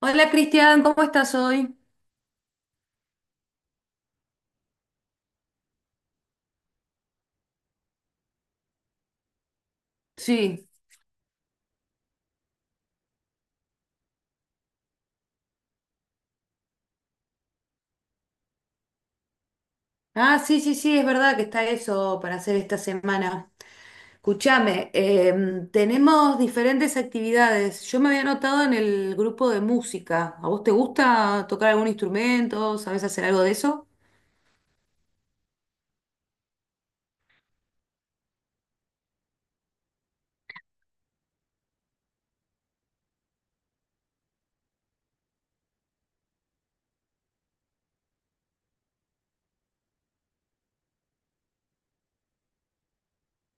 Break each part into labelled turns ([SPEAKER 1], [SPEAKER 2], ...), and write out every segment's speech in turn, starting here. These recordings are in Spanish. [SPEAKER 1] Hola Cristian, ¿cómo estás hoy? Sí. Ah, sí, sí, sí, es verdad que está eso para hacer esta semana. Escúchame, tenemos diferentes actividades. Yo me había anotado en el grupo de música. ¿A vos te gusta tocar algún instrumento? ¿Sabés hacer algo de eso?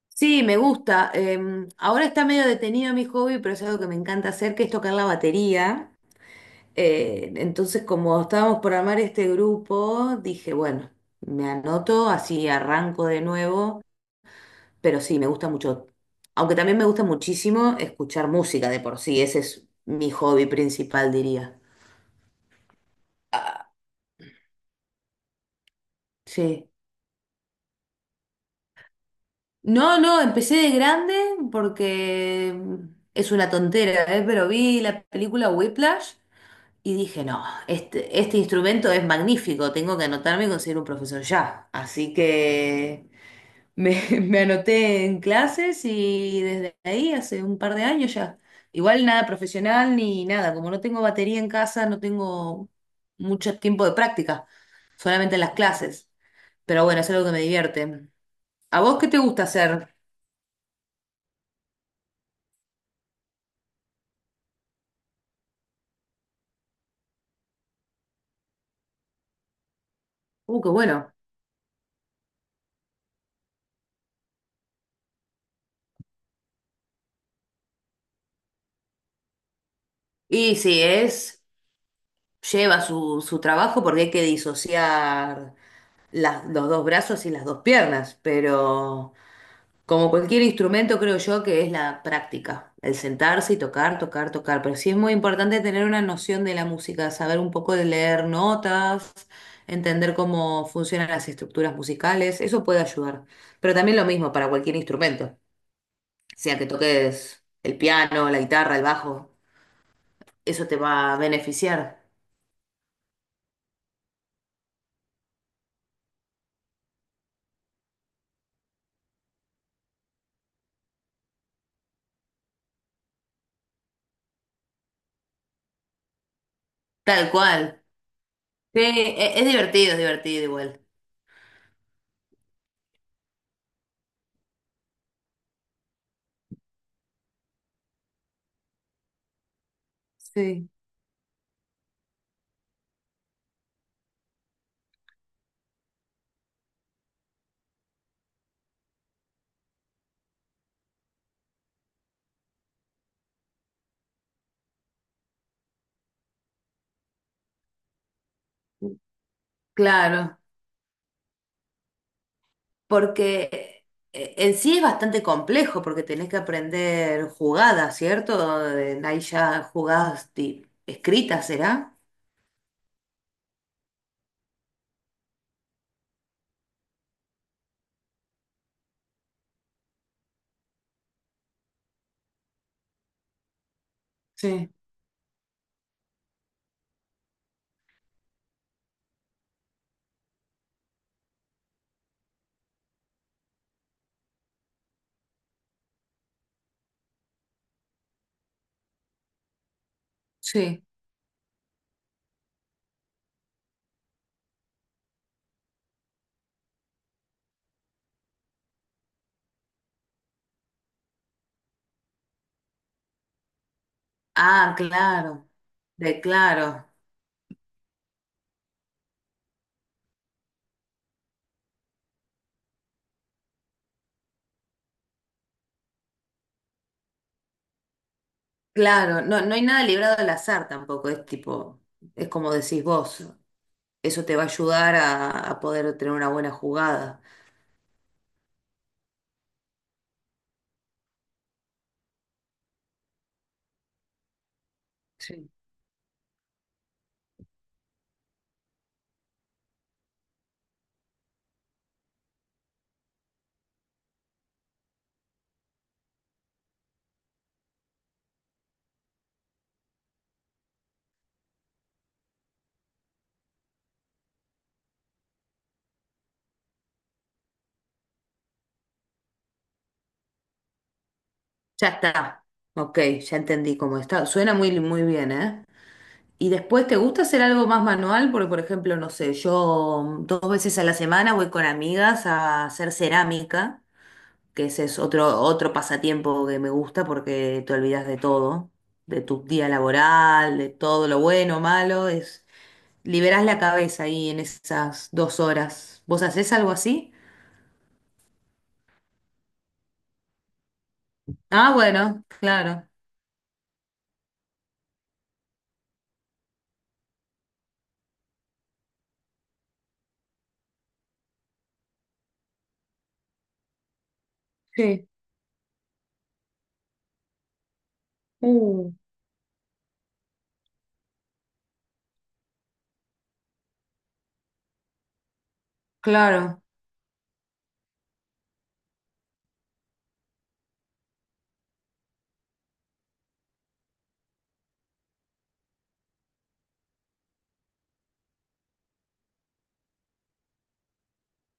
[SPEAKER 1] Sí, me gusta. Ahora está medio detenido mi hobby, pero es algo que me encanta hacer, que es tocar la batería. Entonces, como estábamos por armar este grupo, dije, bueno, me anoto, así arranco de nuevo. Pero sí, me gusta mucho. Aunque también me gusta muchísimo escuchar música de por sí. Ese es mi hobby principal, diría. Sí. No, no, empecé de grande porque es una tontera, ¿eh? Pero vi la película Whiplash y dije, no, este instrumento es magnífico, tengo que anotarme y conseguir un profesor ya. Así que me, me anoté en clases y desde ahí hace un par de años ya. Igual nada profesional ni nada, como no tengo batería en casa, no tengo mucho tiempo de práctica, solamente en las clases. Pero bueno, es algo que me divierte. ¿A vos qué te gusta hacer? Qué bueno. Y sí, es, lleva su trabajo porque hay que disociar los dos brazos y las dos piernas, pero Como cualquier instrumento, creo yo que es la práctica, el sentarse y tocar, tocar, tocar. Pero sí es muy importante tener una noción de la música, saber un poco de leer notas, entender cómo funcionan las estructuras musicales, eso puede ayudar. Pero también lo mismo para cualquier instrumento, sea que toques el piano, la guitarra, el bajo, eso te va a beneficiar. Tal cual. Sí, es divertido igual. Sí, claro. Porque en sí es bastante complejo, porque tenés que aprender jugadas, ¿cierto? Ahí ya jugadas escritas, ¿será? Sí, sí. Ah, claro, de claro, claro. No, no hay nada librado al azar tampoco, es tipo, es como decís vos, eso te va a ayudar a poder tener una buena jugada. Sí. Ya está, ok, ya entendí cómo está. Suena muy, muy bien, ¿eh? ¿Y después te gusta hacer algo más manual? Porque, por ejemplo, no sé, yo dos veces a la semana voy con amigas a hacer cerámica, que ese es otro, otro pasatiempo que me gusta porque te olvidas de todo, de tu día laboral, de todo lo bueno, malo, es liberás la cabeza ahí en esas dos horas. ¿Vos hacés algo así? Ah, bueno, claro. Sí. Uh, claro,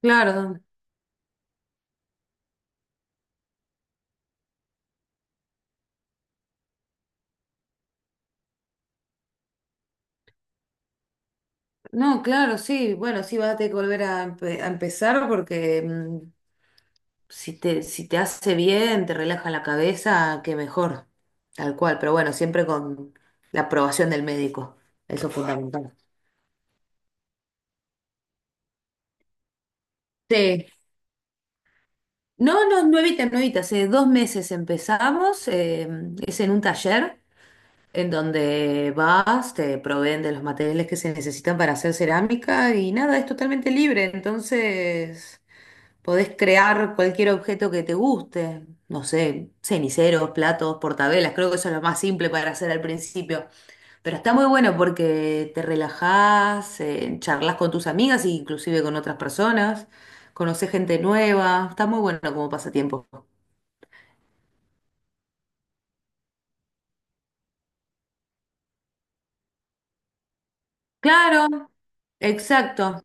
[SPEAKER 1] claro. No, claro, sí. Bueno, sí vas a tener que volver a, a empezar porque si te, si te hace bien, te relaja la cabeza, qué mejor. Tal cual, pero bueno, siempre con la aprobación del médico. Eso es fundamental. Sí. No, no, nuevita, nuevita. Hace dos meses empezamos. Es en un taller en donde vas, te proveen de los materiales que se necesitan para hacer cerámica y nada, es totalmente libre. Entonces, podés crear cualquier objeto que te guste, no sé, ceniceros, platos, portavelas, creo que eso es lo más simple para hacer al principio. Pero está muy bueno porque te relajás, charlas con tus amigas e inclusive con otras personas, conocés gente nueva, está muy bueno como pasatiempo. Claro, exacto,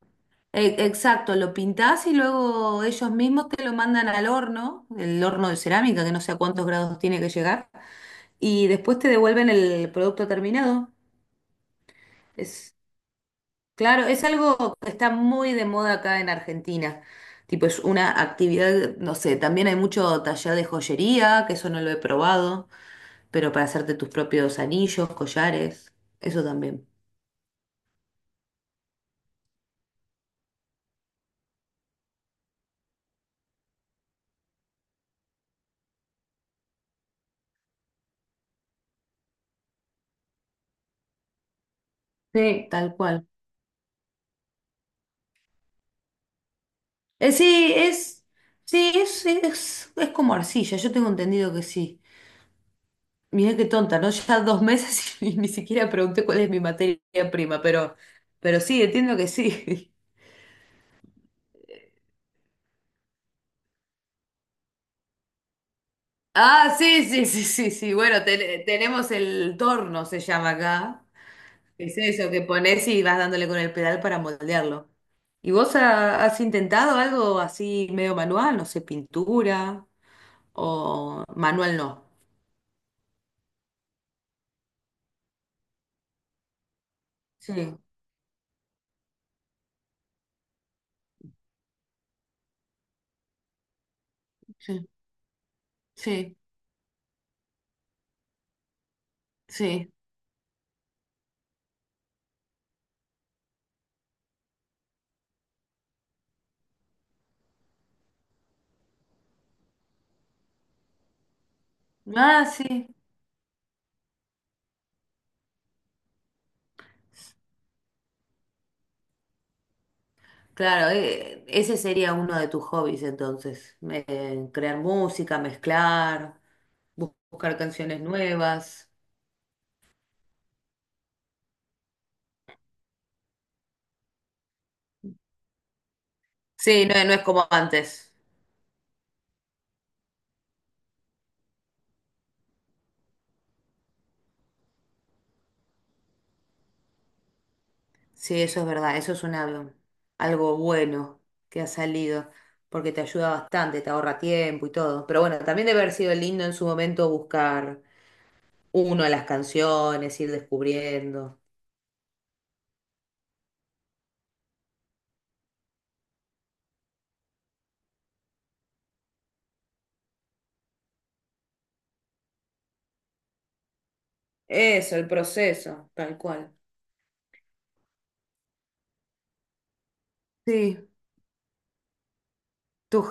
[SPEAKER 1] exacto, lo pintás y luego ellos mismos te lo mandan al horno, el horno de cerámica que no sé a cuántos grados tiene que llegar, y después te devuelven el producto terminado. Es, claro, es algo que está muy de moda acá en Argentina. Tipo, es una actividad, no sé, también hay mucho taller de joyería, que eso no lo he probado, pero para hacerte tus propios anillos, collares, eso también. Sí, tal cual. Eh, sí, es, sí, es como arcilla, yo tengo entendido que sí. Mirá qué tonta, ¿no? Ya dos meses y ni siquiera pregunté cuál es mi materia prima, pero sí, entiendo que sí. Ah, sí, sí, sí, sí, sí. Bueno, tenemos el torno, se llama acá. Es eso que pones y vas dándole con el pedal para moldearlo. ¿Y vos has intentado algo así medio manual? No sé, pintura o manual no. Sí, sí, sí, sí. Ah, sí. Claro, ese sería uno de tus hobbies entonces. Crear música, mezclar, buscar canciones nuevas. Sí, no, no es como antes. Sí, eso es verdad, eso es una, algo bueno que ha salido, porque te ayuda bastante, te ahorra tiempo y todo. Pero bueno, también debe haber sido lindo en su momento buscar uno a las canciones, ir descubriendo. Eso, el proceso, tal cual. Sí, tú,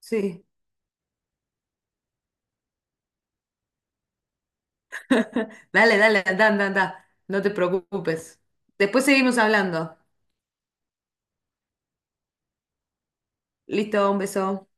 [SPEAKER 1] sí. Dale, dale, anda, anda, anda. No te preocupes. Después seguimos hablando. Listo, un beso.